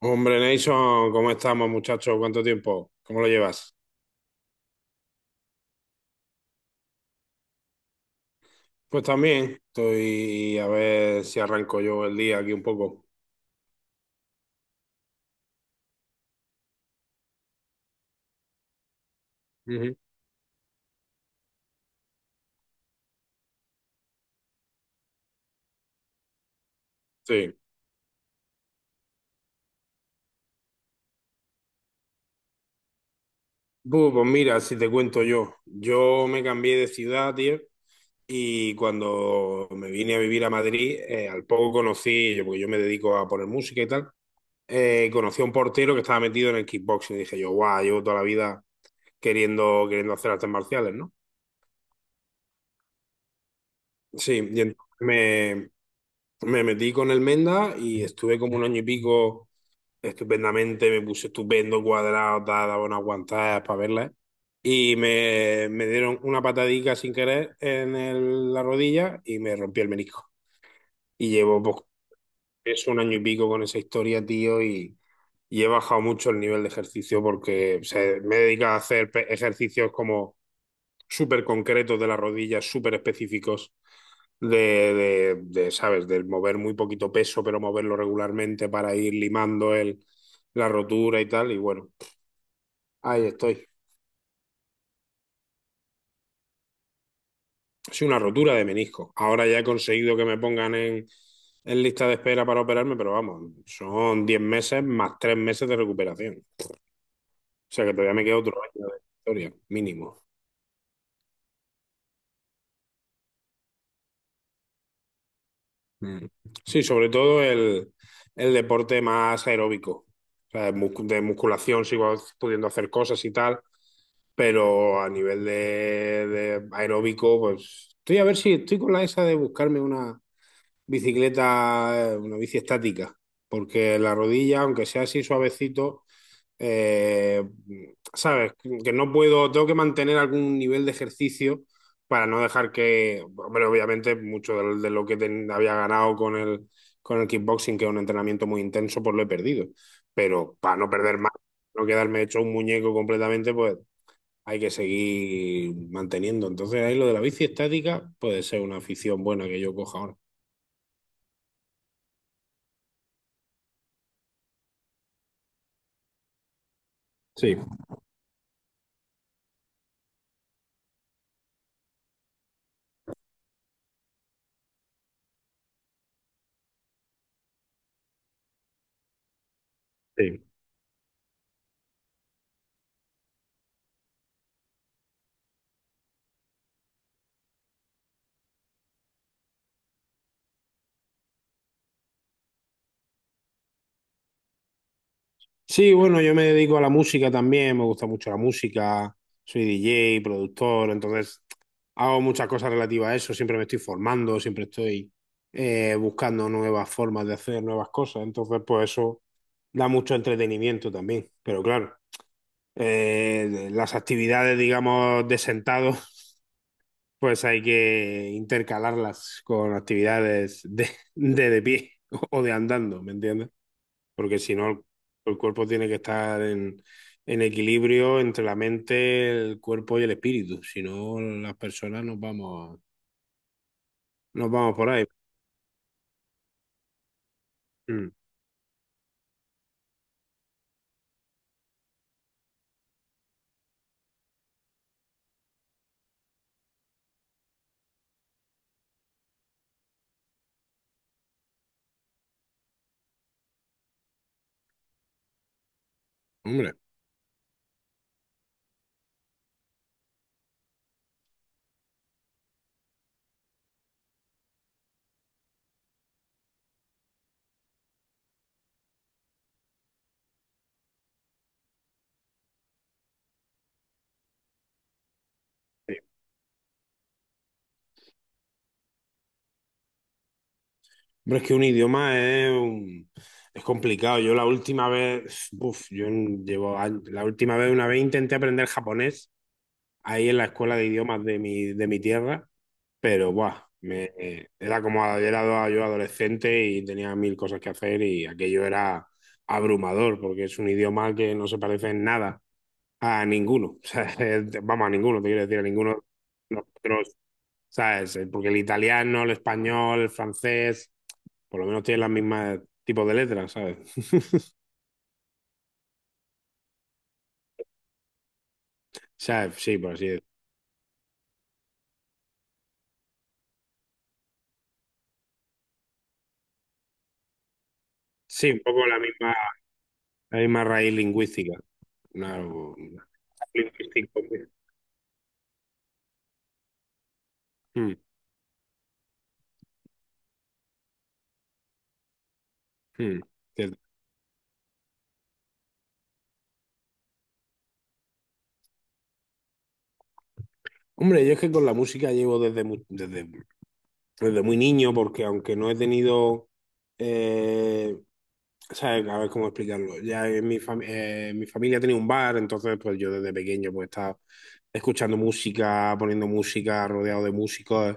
Hombre, Nation, ¿cómo estamos, muchachos? ¿Cuánto tiempo? ¿Cómo lo llevas? Pues también, estoy a ver si arranco yo el día aquí un poco. Ujú. Sí. Bu, pues mira, si te cuento yo me cambié de ciudad, tío, y cuando me vine a vivir a Madrid, al poco conocí, yo, porque yo me dedico a poner música y tal, conocí a un portero que estaba metido en el kickboxing y dije yo, guau, llevo toda la vida queriendo hacer artes marciales, ¿no? Sí, y entonces me metí con el Menda y estuve como un año y pico estupendamente, me puse estupendo, cuadrado, tal, daba una aguantada para verla. Y me dieron una patadica sin querer en la rodilla y me rompí el menisco. Y llevo pues, es un año y pico con esa historia, tío, y he bajado mucho el nivel de ejercicio porque o sea, me he dedicado a hacer ejercicios como súper concretos de las rodillas, súper específicos, de, de, ¿sabes? Del mover muy poquito peso, pero moverlo regularmente para ir limando la rotura y tal. Y bueno, ahí estoy. Es una rotura de menisco. Ahora ya he conseguido que me pongan en lista de espera para operarme, pero vamos, son 10 meses más 3 meses de recuperación. O sea que todavía me queda otro año de historia, mínimo. Mm. Sí, sobre todo el deporte más aeróbico. O sea, de musculación sigo pudiendo hacer cosas y tal, pero a nivel de aeróbico, pues estoy a ver si estoy con la esa de buscarme una, bicicleta, una bici estática, porque la rodilla, aunque sea así suavecito, eh, sabes, que no puedo, tengo que mantener algún nivel de ejercicio para no dejar que, hombre, obviamente mucho de, lo que había ganado con el kickboxing, que es un entrenamiento muy intenso, pues lo he perdido. Pero para no perder más, no quedarme hecho un muñeco completamente, pues hay que seguir manteniendo. Entonces ahí lo de la bici estática puede ser una afición buena que yo coja ahora. Sí, sí. Sí, bueno, yo me dedico a la música también, me gusta mucho la música, soy DJ, productor, entonces hago muchas cosas relativas a eso, siempre me estoy formando, siempre estoy buscando nuevas formas de hacer nuevas cosas, entonces pues eso da mucho entretenimiento también, pero claro, las actividades, digamos, de sentado, pues hay que intercalarlas con actividades de pie o de andando, ¿me entiendes? Porque si no, el cuerpo tiene que estar en equilibrio entre la mente, el cuerpo y el espíritu. Si no, las personas nos vamos por ahí. Mm, Hombre. Sí. Hombre, es que un idioma es, es complicado. Yo la última vez, uf, la última vez, una vez intenté aprender japonés ahí en la escuela de idiomas de de mi tierra. Pero, buah, era como era yo adolescente y tenía mil cosas que hacer y aquello era abrumador porque es un idioma que no se parece en nada a ninguno. O sea, vamos, a ninguno, te quiero decir, a ninguno de nosotros, ¿sabes? Porque el italiano, el español, el francés, por lo menos tienen las mismas tipos de letras, ¿sabes? O sí, por así decirlo. Sí, un poco la misma raíz lingüística. Una, una- lingüístico. Mm, mm. Hombre, yo es que con la música llevo desde muy niño, porque aunque no he tenido, eh, ¿sabes? A ver cómo explicarlo. Ya en mi familia tenía un bar, entonces pues yo desde pequeño pues estaba escuchando música, poniendo música, rodeado de músicos.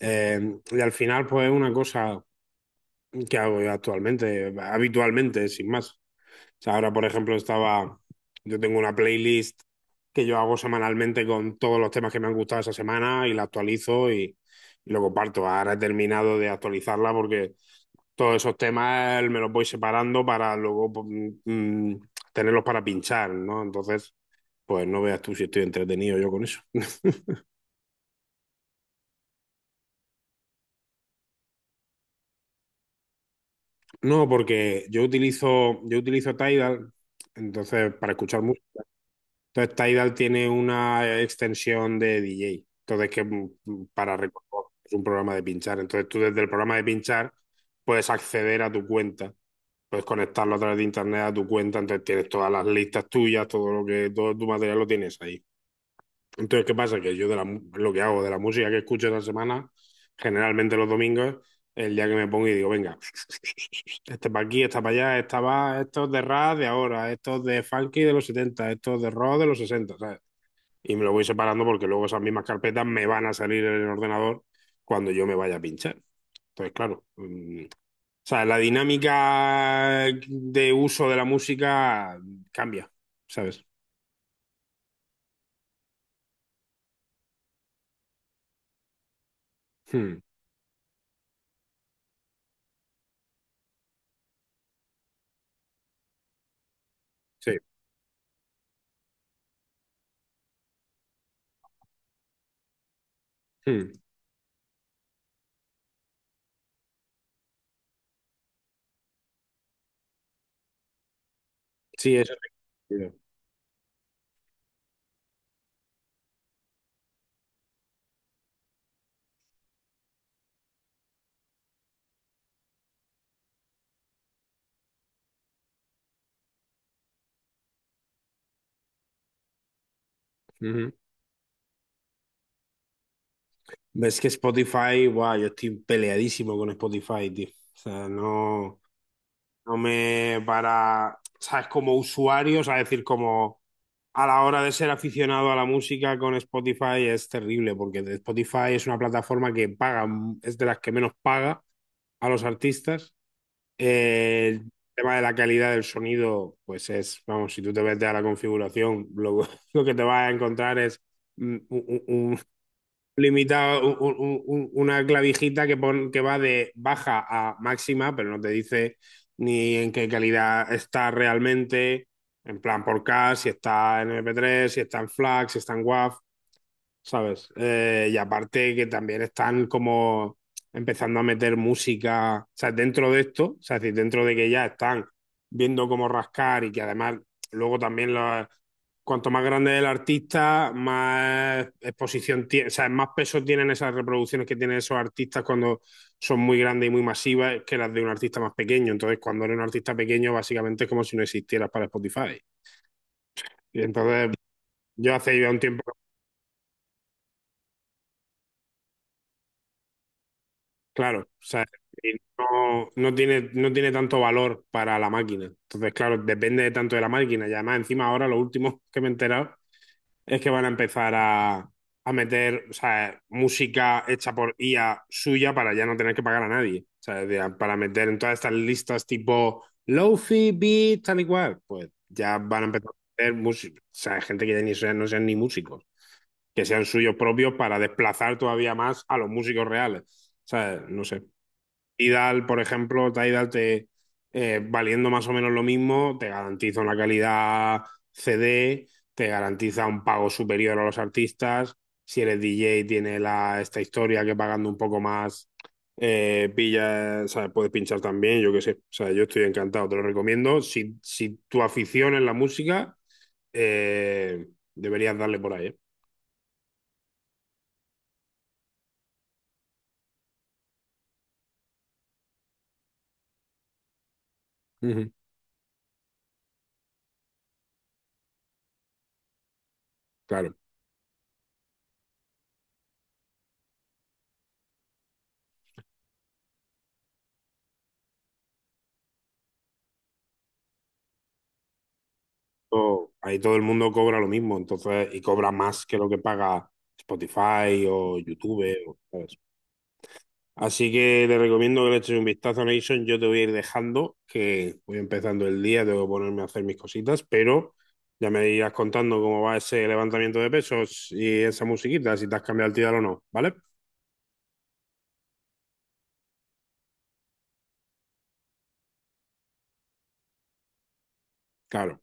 Y al final pues es una cosa qué hago yo actualmente, habitualmente, sin más. O sea, ahora, por ejemplo, yo tengo una playlist que yo hago semanalmente con todos los temas que me han gustado esa semana y la actualizo y lo comparto. Ahora he terminado de actualizarla porque todos esos temas me los voy separando para luego pues, tenerlos para pinchar, ¿no? Entonces, pues no veas tú si estoy entretenido yo con eso. No, porque yo utilizo Tidal, entonces, para escuchar música. Entonces Tidal tiene una extensión de DJ. Entonces que para recordar es un programa de pinchar. Entonces tú desde el programa de pinchar puedes acceder a tu cuenta, puedes conectarlo a través de internet a tu cuenta. Entonces tienes todas las listas tuyas, todo lo que todo tu material lo tienes ahí. Entonces, ¿qué pasa? Que yo de lo que hago de la música que escucho esa semana, generalmente los domingos, el día que me pongo y digo, venga, este para aquí, esta para allá, esta va, esto es de rap de ahora, esto es de funky de los setenta, esto es de rock de los sesenta, ¿sabes? Y me lo voy separando porque luego esas mismas carpetas me van a salir en el ordenador cuando yo me vaya a pinchar. Entonces, claro, o sea, la dinámica de uso de la música cambia, ¿sabes? Hmm, sí, hmm, sí, eso es. Ves que Spotify, guau, yo estoy peleadísimo con Spotify, tío. O sea, no me para, sabes, como usuario, o sea, decir, como a la hora de ser aficionado a la música con Spotify es terrible, porque Spotify es una plataforma que paga, es de las que menos paga a los artistas. El tema de la calidad del sonido, pues es, vamos, si tú te metes a la configuración, lo, lo que te vas a encontrar es mm, un- un- limita una clavijita que, que va de baja a máxima, pero no te dice ni en qué calidad está realmente, en plan por K, si está en MP3, si está en FLAC, si está en WAV. ¿Sabes? Y aparte que también están como empezando a meter música, o sea, dentro de esto, o sea, es decir, dentro de que ya están viendo cómo rascar y que además luego también cuanto más grande es el artista, más exposición tiene, o sea, más peso tienen esas reproducciones que tienen esos artistas cuando son muy grandes y muy masivas que las de un artista más pequeño. Entonces, cuando eres un artista pequeño, básicamente es como si no existieras para Spotify. Y entonces, yo hace ya un tiempo. Claro, o sea, y no, no tiene tanto valor para la máquina. Entonces, claro, depende tanto de la máquina. Y además, encima ahora lo último que me he enterado es que van a empezar a meter, o sea, música hecha por IA suya para ya no tener que pagar a nadie. O sea, para meter en todas estas listas tipo lofi, beat, tal y cual. Pues ya van a empezar a meter música. O sea, gente que ya ni sean, no sean ni músicos, que sean suyos propios para desplazar todavía más a los músicos reales. O sea, no sé. Tidal, por ejemplo, Tidal te valiendo más o menos lo mismo, te garantiza una calidad CD, te garantiza un pago superior a los artistas. Si eres DJ, tiene la, esta historia que pagando un poco más, pilla, o sea, puedes pinchar también, yo qué sé. O sea, yo estoy encantado, te lo recomiendo. Si tu afición es la música, eh, deberías darle por ahí. ¿Eh? Ujú, claro. Ahí todo el mundo cobra lo mismo, entonces, y cobra más que lo que paga Spotify o YouTube, ¿sabes? Así que te recomiendo que le eches un vistazo a Nation. Yo te voy a ir dejando, que voy empezando el día, tengo que ponerme a hacer mis cositas, pero ya me irás contando cómo va ese levantamiento de pesos y esa musiquita, si te has cambiado el tiro o no, ¿vale? Claro.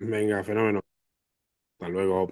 Venga, fenómeno. Hasta luego.